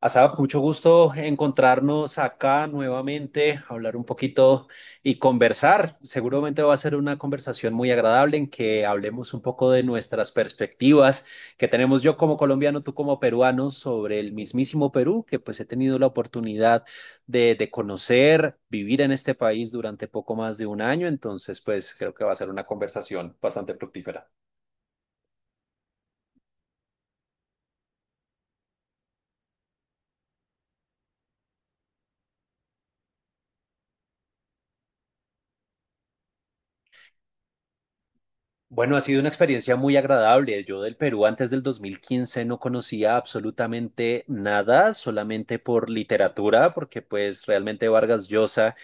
Asaf, mucho gusto encontrarnos acá nuevamente, hablar un poquito y conversar. Seguramente va a ser una conversación muy agradable en que hablemos un poco de nuestras perspectivas que tenemos yo como colombiano, tú como peruano, sobre el mismísimo Perú, que pues he tenido la oportunidad de conocer, vivir en este país durante poco más de un año. Entonces, pues creo que va a ser una conversación bastante fructífera. Bueno, ha sido una experiencia muy agradable. Yo del Perú antes del 2015 no conocía absolutamente nada, solamente por literatura, porque pues realmente Vargas Llosa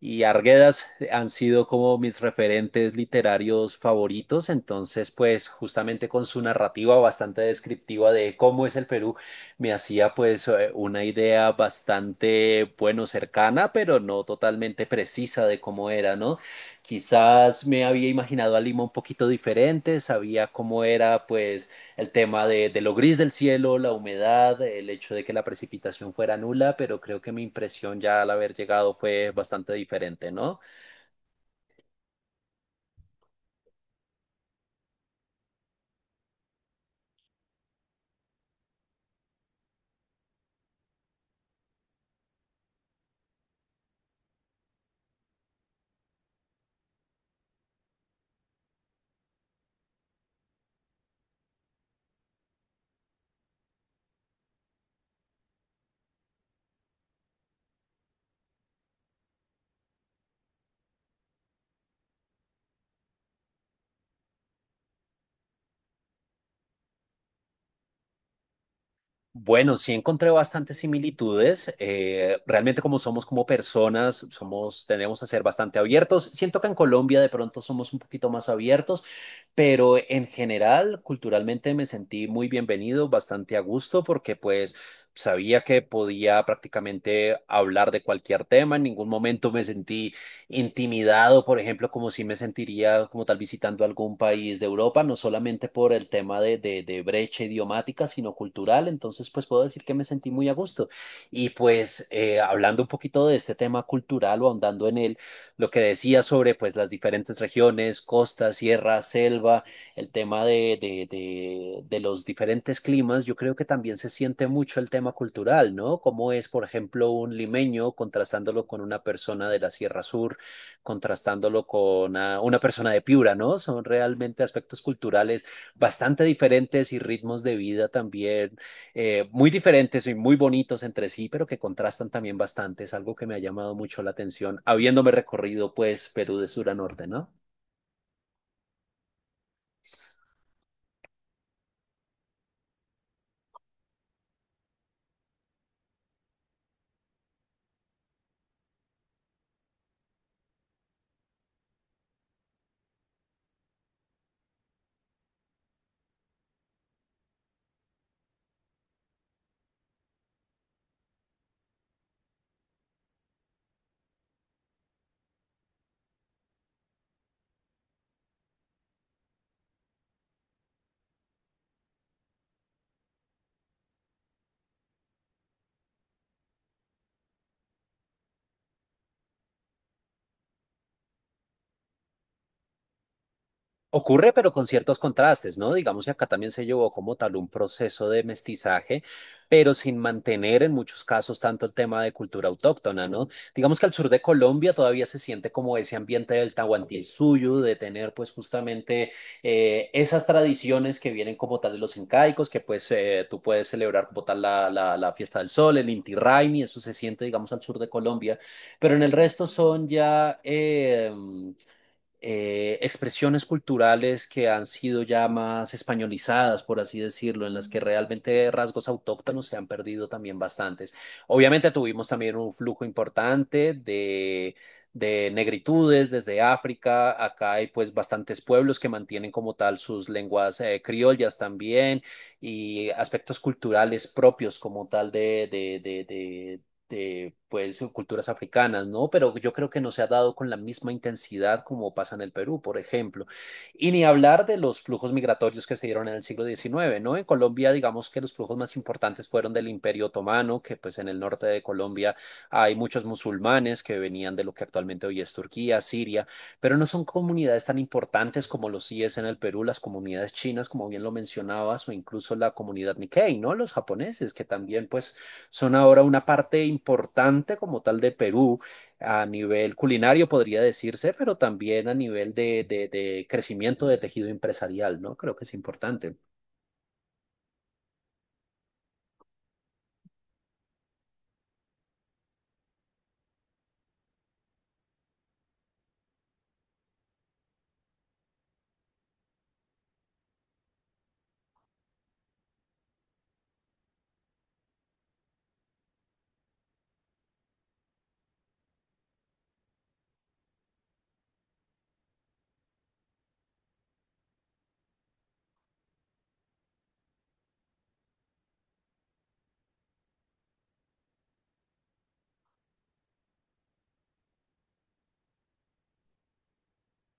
y Arguedas han sido como mis referentes literarios favoritos, entonces pues justamente con su narrativa bastante descriptiva de cómo es el Perú, me hacía pues una idea bastante, bueno, cercana, pero no totalmente precisa de cómo era, ¿no? Quizás me había imaginado a Lima un poquito diferente, sabía cómo era pues el tema de lo gris del cielo, la humedad, el hecho de que la precipitación fuera nula, pero creo que mi impresión ya al haber llegado fue bastante diferente, ¿no? Bueno, sí encontré bastantes similitudes. Realmente como somos como personas, somos, tenemos a ser bastante abiertos. Siento que en Colombia de pronto somos un poquito más abiertos, pero en general, culturalmente me sentí muy bienvenido, bastante a gusto, porque pues sabía que podía prácticamente hablar de cualquier tema. En ningún momento me sentí intimidado, por ejemplo, como si me sentiría como tal visitando algún país de Europa, no solamente por el tema de brecha idiomática, sino cultural. Entonces, pues puedo decir que me sentí muy a gusto. Y pues hablando un poquito de este tema cultural o ahondando en él, lo que decía sobre pues las diferentes regiones, costa, sierra, selva, el tema de los diferentes climas, yo creo que también se siente mucho el tema cultural, ¿no? Como es, por ejemplo, un limeño contrastándolo con una persona de la Sierra Sur contrastándolo con una persona de Piura, ¿no? Son realmente aspectos culturales bastante diferentes y ritmos de vida también muy diferentes y muy bonitos entre sí, pero que contrastan también bastante. Es algo que me ha llamado mucho la atención, habiéndome recorrido pues Perú de sur a norte, ¿no? Ocurre, pero con ciertos contrastes, ¿no? Digamos que acá también se llevó como tal un proceso de mestizaje, pero sin mantener en muchos casos tanto el tema de cultura autóctona, ¿no? Digamos que al sur de Colombia todavía se siente como ese ambiente del Tahuantinsuyo, de tener pues justamente esas tradiciones que vienen como tal de los incaicos, que pues tú puedes celebrar como tal la fiesta del sol, el Inti Raymi, eso se siente, digamos, al sur de Colombia, pero en el resto son ya expresiones culturales que han sido ya más españolizadas, por así decirlo, en las que realmente rasgos autóctonos se han perdido también bastantes. Obviamente tuvimos también un flujo importante de negritudes desde África. Acá hay pues bastantes pueblos que mantienen como tal sus lenguas criollas también y aspectos culturales propios como tal de pues, culturas africanas, ¿no? Pero yo creo que no se ha dado con la misma intensidad como pasa en el Perú, por ejemplo. Y ni hablar de los flujos migratorios que se dieron en el siglo XIX, ¿no? En Colombia, digamos que los flujos más importantes fueron del Imperio Otomano, que pues en el norte de Colombia hay muchos musulmanes que venían de lo que actualmente hoy es Turquía, Siria, pero no son comunidades tan importantes como lo sí es en el Perú, las comunidades chinas, como bien lo mencionabas, o incluso la comunidad Nikkei, ¿no? Los japoneses, que también pues son ahora una parte importante como tal de Perú a nivel culinario, podría decirse, pero también a nivel de crecimiento de tejido empresarial, ¿no? Creo que es importante.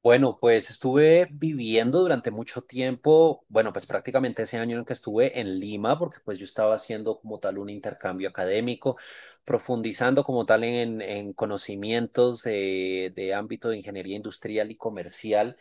Bueno, pues estuve viviendo durante mucho tiempo, bueno, pues prácticamente ese año en que estuve en Lima, porque pues yo estaba haciendo como tal un intercambio académico, profundizando como tal en conocimientos de ámbito de ingeniería industrial y comercial.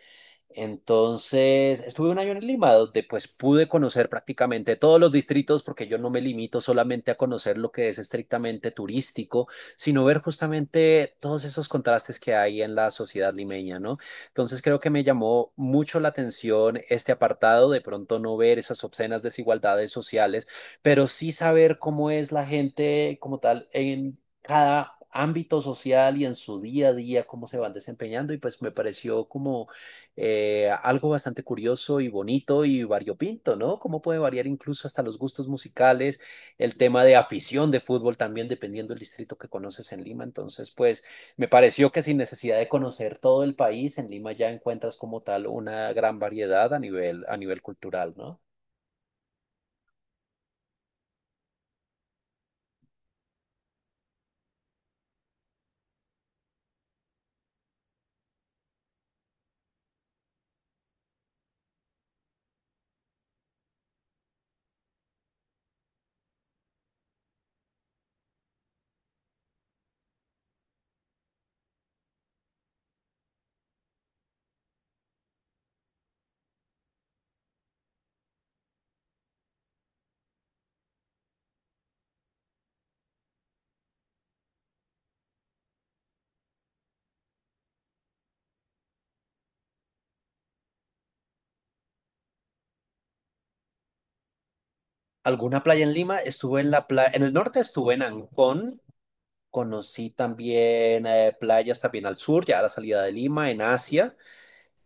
Entonces, estuve un año en Lima, donde pues pude conocer prácticamente todos los distritos, porque yo no me limito solamente a conocer lo que es estrictamente turístico, sino ver justamente todos esos contrastes que hay en la sociedad limeña, ¿no? Entonces, creo que me llamó mucho la atención este apartado, de pronto no ver esas obscenas desigualdades sociales, pero sí saber cómo es la gente como tal en cada ámbito social y en su día a día, cómo se van desempeñando, y pues me pareció como algo bastante curioso y bonito y variopinto, ¿no? Cómo puede variar incluso hasta los gustos musicales, el tema de afición de fútbol también, dependiendo del distrito que conoces en Lima. Entonces, pues me pareció que sin necesidad de conocer todo el país, en Lima ya encuentras como tal una gran variedad a nivel cultural, ¿no? ¿Alguna playa en Lima? Estuve en la playa, en el norte estuve en Ancón. Conocí también playas también al sur, ya a la salida de Lima, en Asia.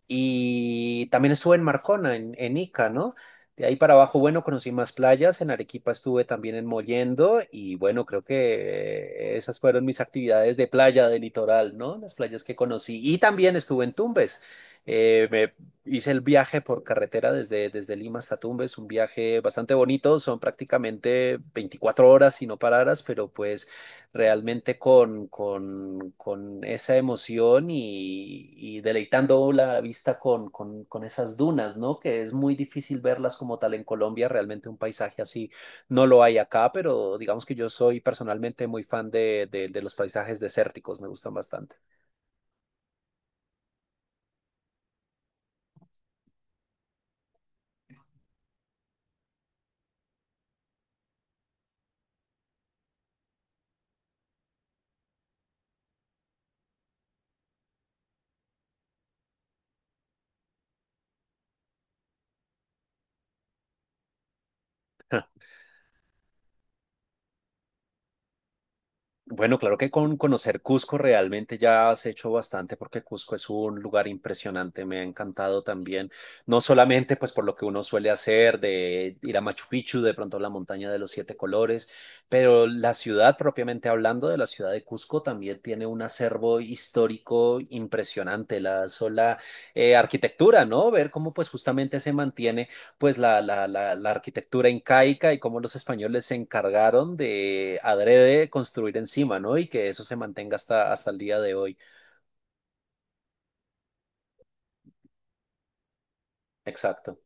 Y también estuve en Marcona, en Ica, ¿no? De ahí para abajo, bueno, conocí más playas, en Arequipa estuve también en Mollendo y bueno, creo que esas fueron mis actividades de playa, de litoral, ¿no? Las playas que conocí. Y también estuve en Tumbes. Me hice el viaje por carretera desde Lima hasta Tumbes, un viaje bastante bonito, son prácticamente 24 horas si no pararas, pero pues realmente con esa emoción y deleitando la vista con esas dunas, ¿no? Que es muy difícil verlas como tal en Colombia, realmente un paisaje así no lo hay acá, pero digamos que yo soy personalmente muy fan de los paisajes desérticos, me gustan bastante. Bueno, claro que con conocer Cusco realmente ya has hecho bastante porque Cusco es un lugar impresionante, me ha encantado también, no solamente pues por lo que uno suele hacer de ir a Machu Picchu, de pronto a la montaña de los siete colores, pero la ciudad propiamente hablando de la ciudad de Cusco también tiene un acervo histórico impresionante, la sola arquitectura, ¿no? Ver cómo pues justamente se mantiene pues la arquitectura incaica y cómo los españoles se encargaron de adrede construir encima, ¿no? Y que eso se mantenga hasta, hasta el día de hoy. Exacto,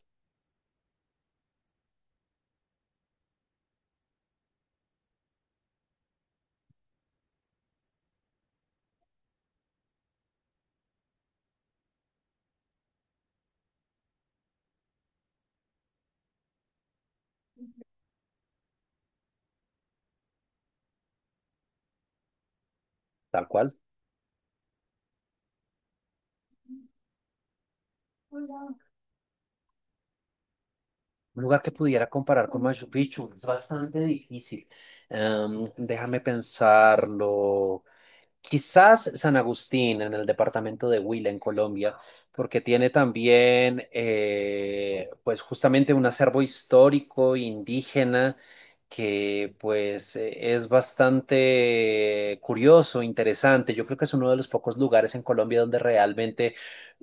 tal cual. Hola. Un lugar que pudiera comparar con Machu Picchu es bastante difícil. Déjame pensarlo. Quizás San Agustín, en el departamento de Huila, en Colombia, porque tiene también, pues justamente un acervo histórico indígena que pues es bastante curioso, interesante. Yo creo que es uno de los pocos lugares en Colombia donde realmente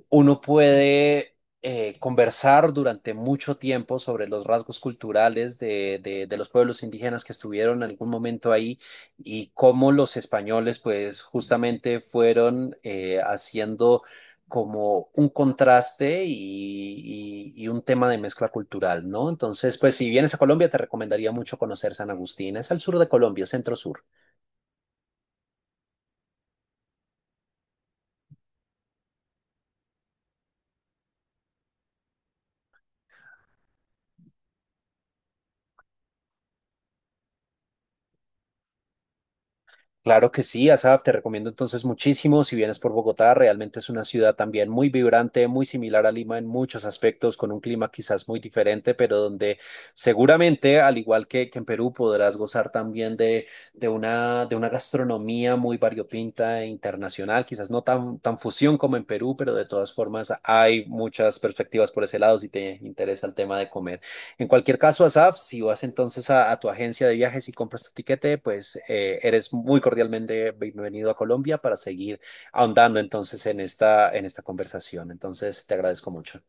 uno puede conversar durante mucho tiempo sobre los rasgos culturales de los pueblos indígenas que estuvieron en algún momento ahí y cómo los españoles pues justamente fueron haciendo como un contraste y un tema de mezcla cultural, ¿no? Entonces, pues si vienes a Colombia, te recomendaría mucho conocer San Agustín. Es al sur de Colombia, centro sur. Claro que sí, Asaf, te recomiendo entonces muchísimo. Si vienes por Bogotá, realmente es una ciudad también muy vibrante, muy similar a Lima en muchos aspectos, con un clima quizás muy diferente, pero donde seguramente, al igual que en Perú, podrás gozar también de una gastronomía muy variopinta e internacional, quizás no tan, tan fusión como en Perú, pero de todas formas hay muchas perspectivas por ese lado si te interesa el tema de comer. En cualquier caso, Asaf, si vas entonces a tu agencia de viajes y compras tu tiquete, pues eres muy cordialmente bienvenido a Colombia para seguir ahondando entonces en esta conversación. Entonces, te agradezco mucho.